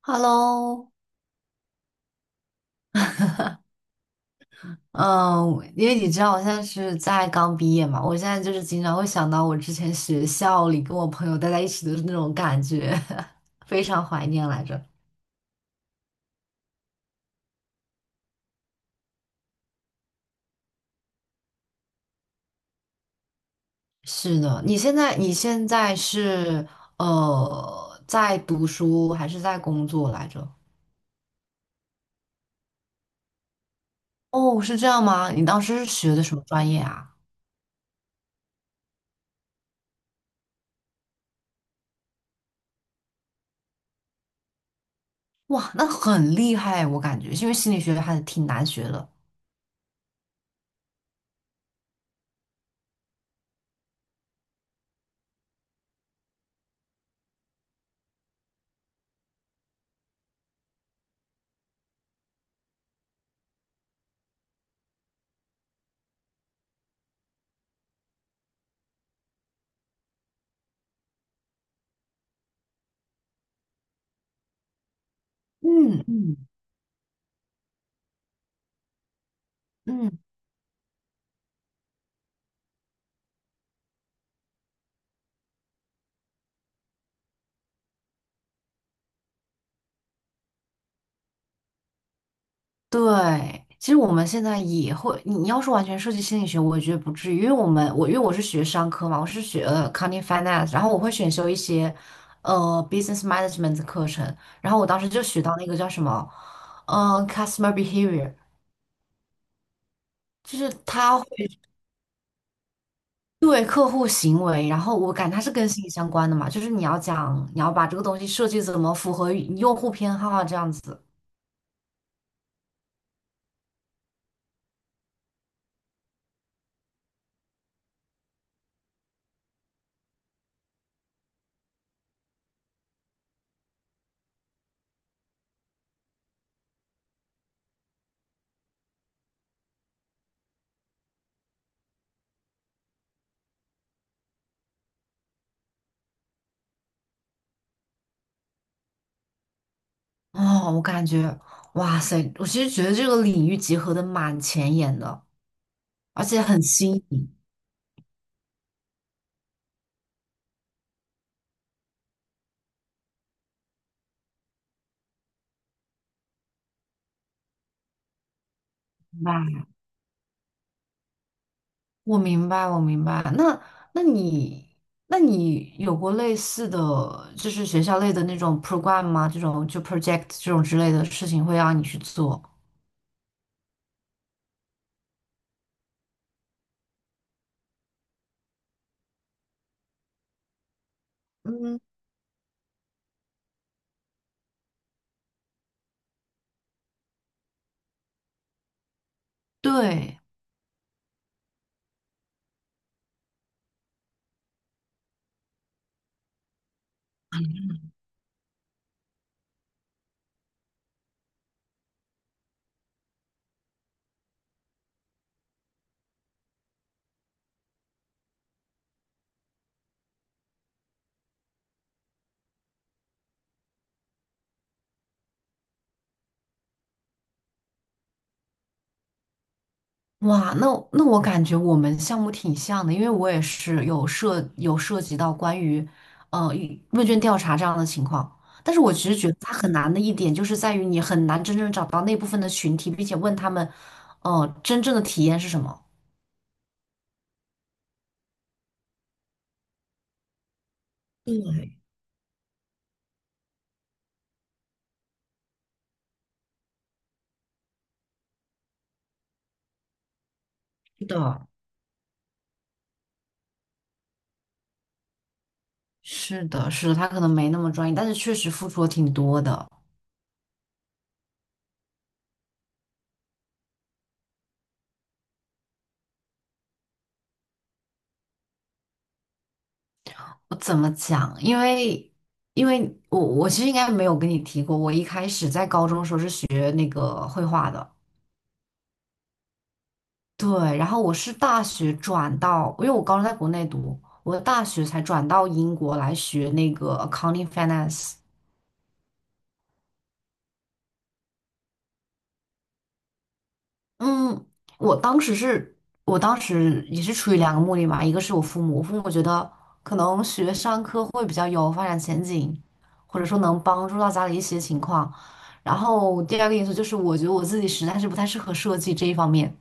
Hello。嗯，因为你知道我现在是在刚毕业嘛，我现在就是经常会想到我之前学校里跟我朋友待在一起的那种感觉，非常怀念来着。是的，你现在是在读书还是在工作来着？哦，是这样吗？你当时是学的什么专业啊？哇，那很厉害，我感觉，因为心理学还是挺难学的。嗯嗯嗯。对，其实我们现在也会，你要是完全涉及心理学，我也觉得不至于，因为我是学商科嘛，我是学accounting finance,然后我会选修一些呃 business management 的课程，然后我当时就学到那个叫什么，customer behavior,就是他会对客户行为，然后我感觉它是跟心理相关的嘛，就是你要把这个东西设计怎么符合用户偏好啊这样子。哦，我感觉哇塞，我其实觉得这个领域结合的蛮前沿的。而且很新颖。明白，我明白那那你那你有过类似的，就是学校类的那种 program 吗？这种就 project 这种之类的事情会让你去做？嗯，对。哇，那我感觉我们项目挺像的，因为我也是有有涉及到关于问卷调查这样的情况，但是我其实觉得它很难的一点就是在于你很难真正找到那部分的群体，并且问他们，真正的体验是什么。对，是的，是的，他可能没那么专业，但是确实付出了挺多的。我怎么讲？因为我其实应该没有跟你提过，我一开始在高中的时候是学那个绘画的，对，然后我是大学转到，因为我高中在国内读，我大学才转到英国来学那个 accounting finance。嗯，我当时是，我当时也是出于两个目的嘛，一个是我父母觉得可能学商科会比较有发展前景，或者说能帮助到家里一些情况。然后第二个因素就是，我觉得我自己实在是不太适合设计这一方面。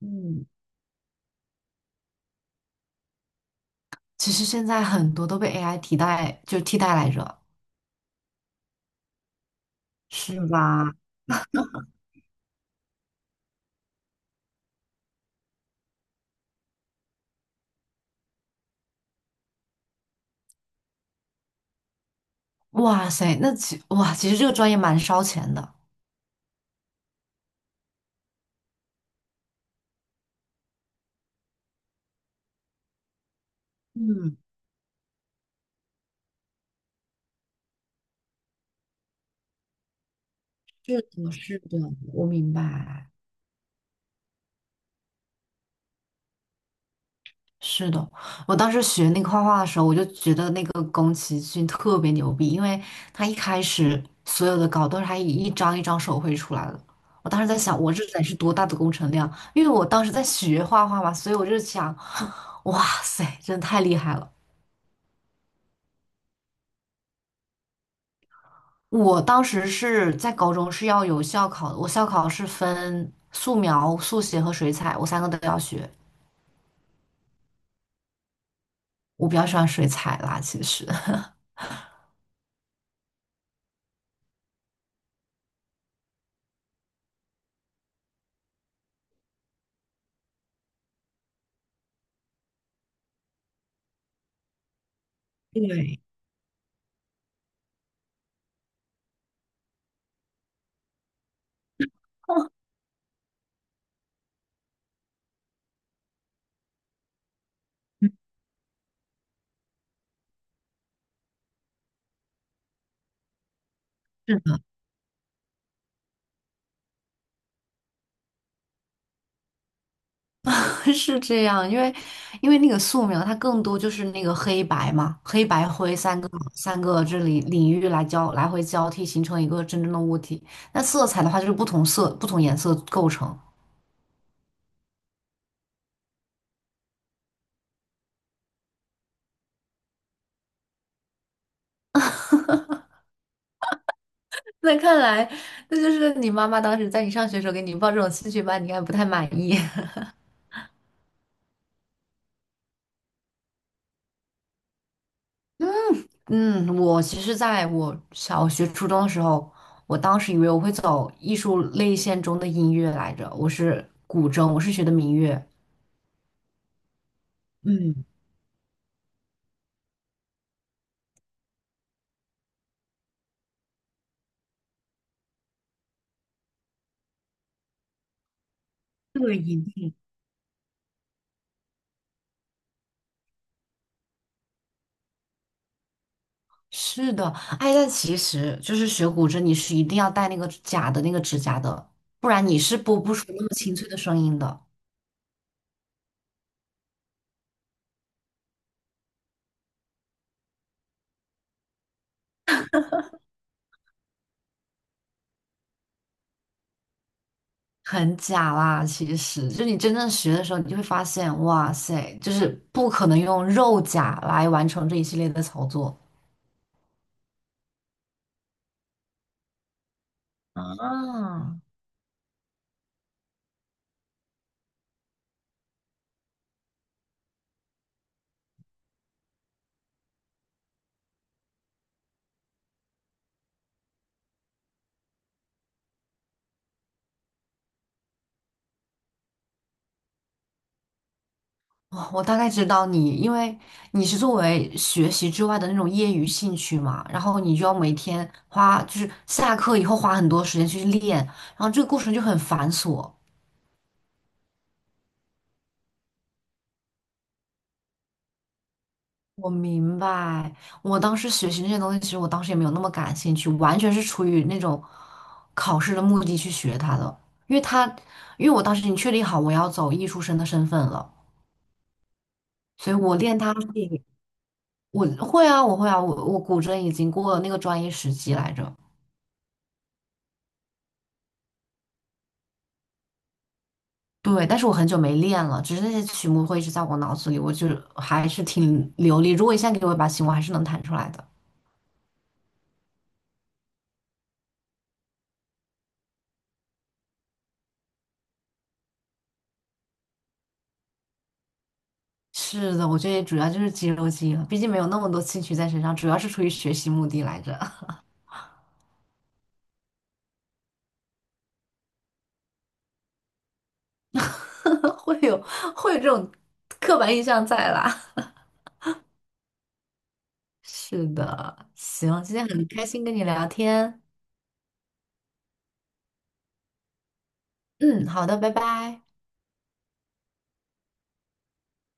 嗯，其实现在很多都被 AI 替代，就替代来着。是吧？哇塞，那其哇，其实这个专业蛮烧钱的。嗯，是的，我明白。是的，我当时学那个画画的时候，我就觉得那个宫崎骏特别牛逼，因为他一开始所有的稿都是他一张一张手绘出来的。我当时在想，我这得是多大的工程量？因为我当时在学画画嘛，所以我就想，哇塞，真的太厉害了！我当时是在高中是要有校考的，我校考是分素描、速写和水彩，我三个都要学。我比较喜欢水彩啦，其实。对，嗯。是这样，因为那个素描，它更多就是那个黑白嘛，黑白灰三个这里领域来交来回交替，形成一个真正的物体。那色彩的话，就是不同色不同颜色构成。那看来，那就是你妈妈当时在你上学的时候给你报这种兴趣班，你应该不太满意。嗯，我其实在我小学、初中的时候，我当时以为我会走艺术类线中的音乐来着，我是古筝，我是学的民乐。嗯，对，是的，哎，但其实就是学古筝，你是一定要戴那个假的那个指甲的，不然你是播不出那么清脆的声音的，很假啦。其实，就你真正学的时候，你就会发现，哇塞，就是不可能用肉甲来完成这一系列的操作。啊，哦，我大概知道你，因为你是作为学习之外的那种业余兴趣嘛，然后你就要每天花，就是下课以后花很多时间去练，然后这个过程就很繁琐。我明白，我当时学习那些东西，其实我当时也没有那么感兴趣，完全是出于那种考试的目的去学它的。因为它，因为我当时已经确定好我要走艺术生的身份了，所以我练它是以我会啊，我古筝已经过了那个专业时级来着。对，但是我很久没练了，只是那些曲目会一直在我脑子里，我就还是挺流利。如果一下给我一把琴，我还是能弹出来的。是的，我觉得主要就是肌肉记忆了，毕竟没有那么多兴趣在身上，主要是出于学习目的来着，会有会有这种刻板印象在啦。是的，行，今天很开心跟你聊天，嗯，好的，拜拜。